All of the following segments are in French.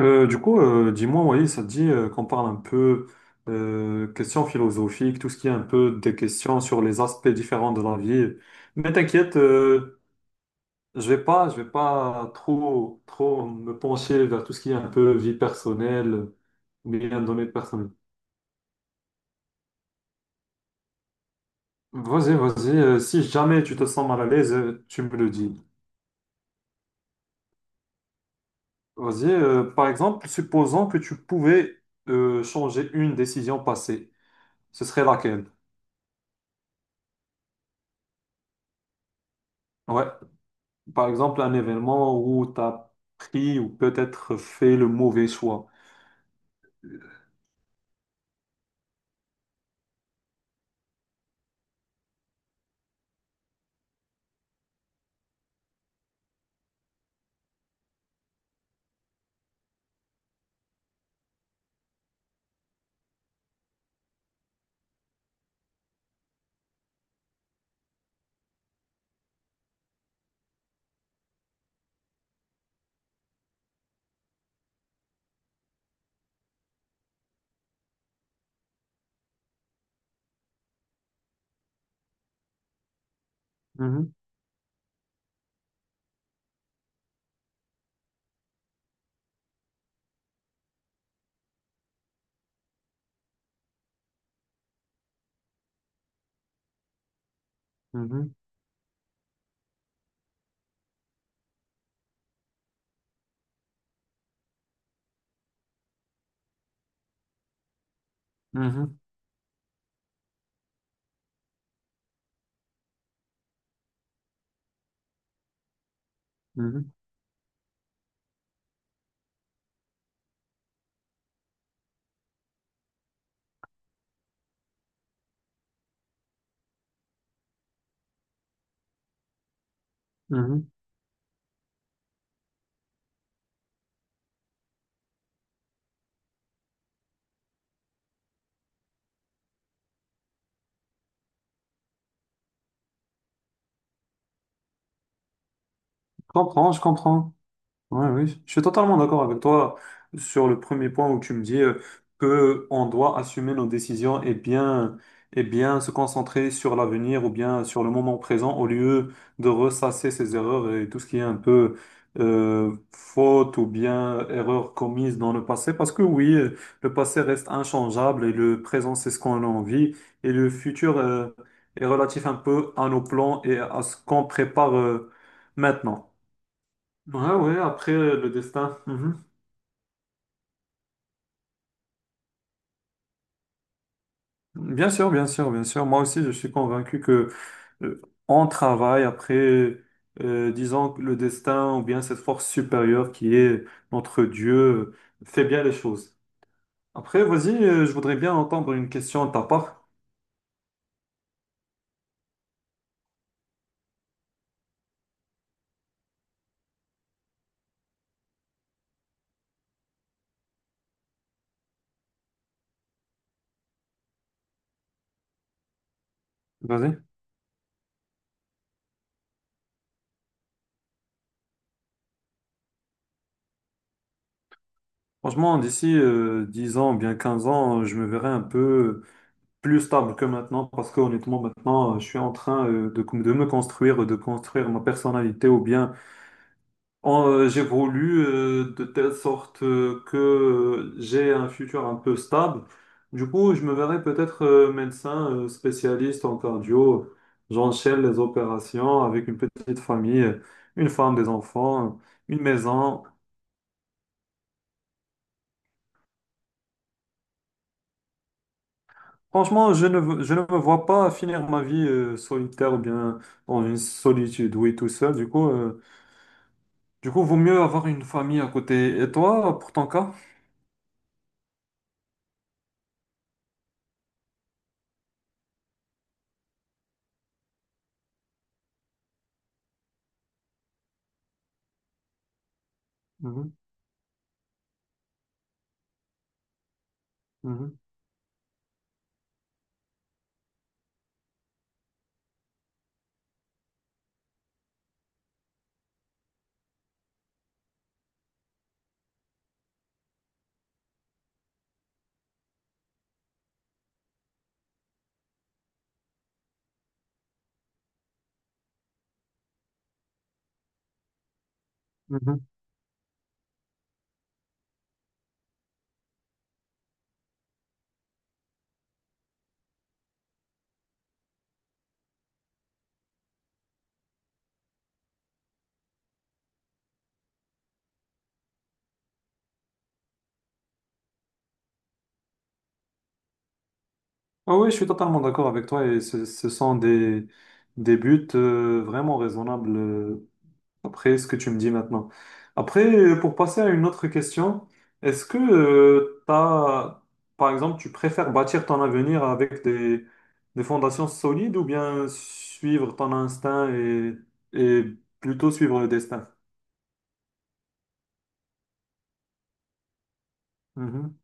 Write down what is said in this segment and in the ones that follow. Dis-moi, oui, ça te dit qu'on parle un peu questions philosophiques, tout ce qui est un peu des questions sur les aspects différents de la vie. Mais t'inquiète, je vais pas trop me pencher vers tout ce qui est un peu vie personnelle, ou bien données personnelles. Vas-y, vas-y. Si jamais tu te sens mal à l'aise, tu me le dis. Vas-y. Par exemple, supposons que tu pouvais changer une décision passée, ce serait laquelle? Ouais. Par exemple, un événement où tu as pris ou peut-être fait le mauvais choix. Mhm, mhm, mhm, mhm, mhm. Je comprends, je comprends. Ouais, oui, je suis totalement d'accord avec toi sur le premier point où tu me dis que on doit assumer nos décisions et bien se concentrer sur l'avenir ou bien sur le moment présent au lieu de ressasser ses erreurs et tout ce qui est un peu faute ou bien erreur commise dans le passé. Parce que oui, le passé reste inchangeable et le présent, c'est ce qu'on a envie et le futur est relatif un peu à nos plans et à ce qu'on prépare maintenant. Ouais, ouais, après le destin. Mhm. Bien sûr, bien sûr, bien sûr. Moi aussi, je suis convaincu que euh, on travaille après, disons, que le destin ou bien cette force supérieure qui est notre Dieu fait bien les choses. Après, vas-y, je voudrais bien entendre une question de ta part. Vas-y. Franchement, d'ici 10 ans, ou bien 15 ans, je me verrai un peu plus stable que maintenant parce que honnêtement, maintenant, je suis en train de me construire, de construire ma personnalité ou bien. J'évolue de telle sorte que j'ai un futur un peu stable. Du coup, je me verrai peut-être médecin spécialiste en cardio. J'enchaîne les opérations avec une petite famille, une femme, des enfants, une maison. Franchement, je ne me vois pas finir ma vie solitaire ou bien dans une solitude, oui, tout seul. Du coup, vaut mieux avoir une famille à côté. Et toi, pour ton cas? Mhm, mhm, mhm. Ah oui, je suis totalement d'accord avec toi et ce sont des buts vraiment raisonnables après ce que tu me dis maintenant. Après, pour passer à une autre question, est-ce que par exemple, tu préfères bâtir ton avenir avec des fondations solides ou bien suivre ton instinct et plutôt suivre le destin? Mhm.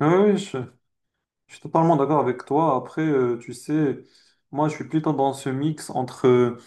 Oui, oui, je suis totalement d'accord avec toi. Après, tu sais, moi, je suis plutôt dans ce mix entre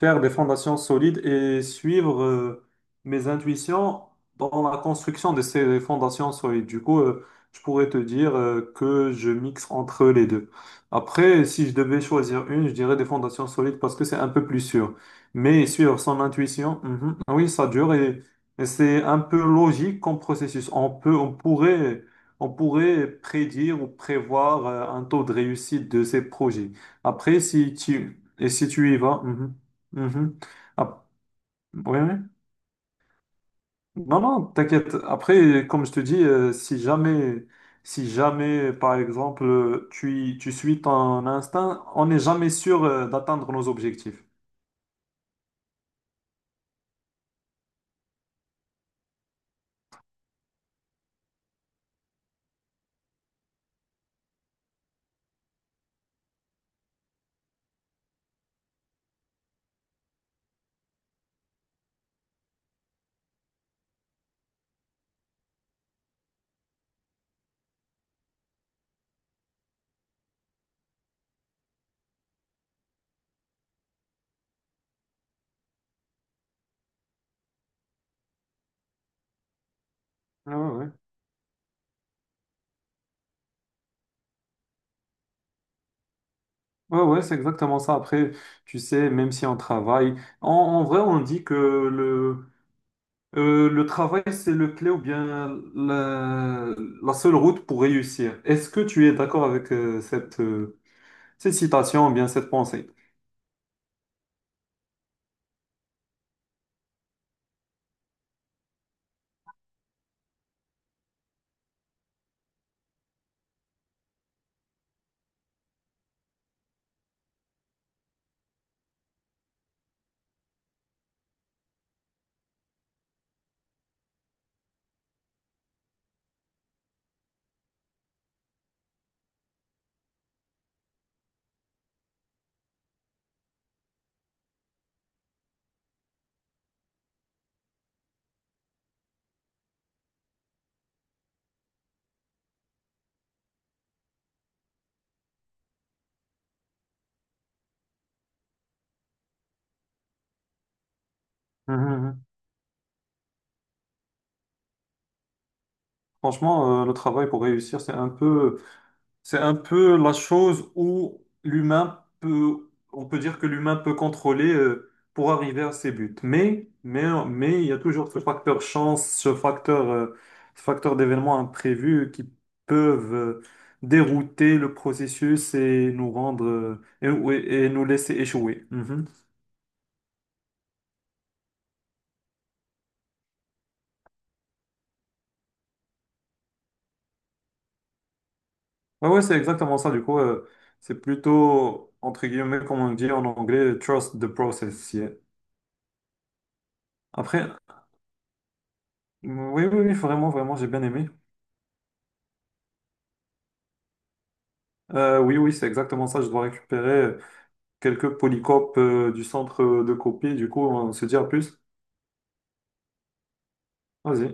faire des fondations solides et suivre mes intuitions dans la construction de ces fondations solides. Du coup, je pourrais te dire que je mixe entre les deux. Après, si je devais choisir une, je dirais des fondations solides parce que c'est un peu plus sûr. Mais suivre son intuition, mhm, oui, ça dure et c'est un peu logique comme processus. On pourrait prédire ou prévoir un taux de réussite de ces projets. Après, si tu, et si tu y vas, mhm. Mhm. Ah, oui, oui. Non, non, t'inquiète. Après, comme je te dis, si jamais, par exemple, tu suis ton instinct, on n'est jamais sûr, d'atteindre nos objectifs. Ah ouais, ouais. Ouais, ouais, c'est exactement ça. Après, tu sais, même si on travaille, en vrai, on dit que le travail, c'est le clé ou bien la, la seule route pour réussir. Est-ce que tu es d'accord avec, cette citation ou bien cette pensée? Franchement, le travail pour réussir, c'est un peu la chose où on peut dire que l'humain peut contrôler, pour arriver à ses buts. Mais il y a toujours ce facteur chance, ce facteur d'événements imprévus qui peuvent, dérouter le processus et nous rendre, ouais, nous laisser échouer. Mhm. Ouais, ouais, c'est exactement ça. Du coup, c'est plutôt, entre guillemets, comme on dit en anglais, trust the process. Yeah. Après, oui, oui, oui, vraiment, vraiment, j'ai bien aimé. Oui, oui, c'est exactement ça. Je dois récupérer quelques polycopes du centre de copie. Du coup, on se dit à plus. Vas-y.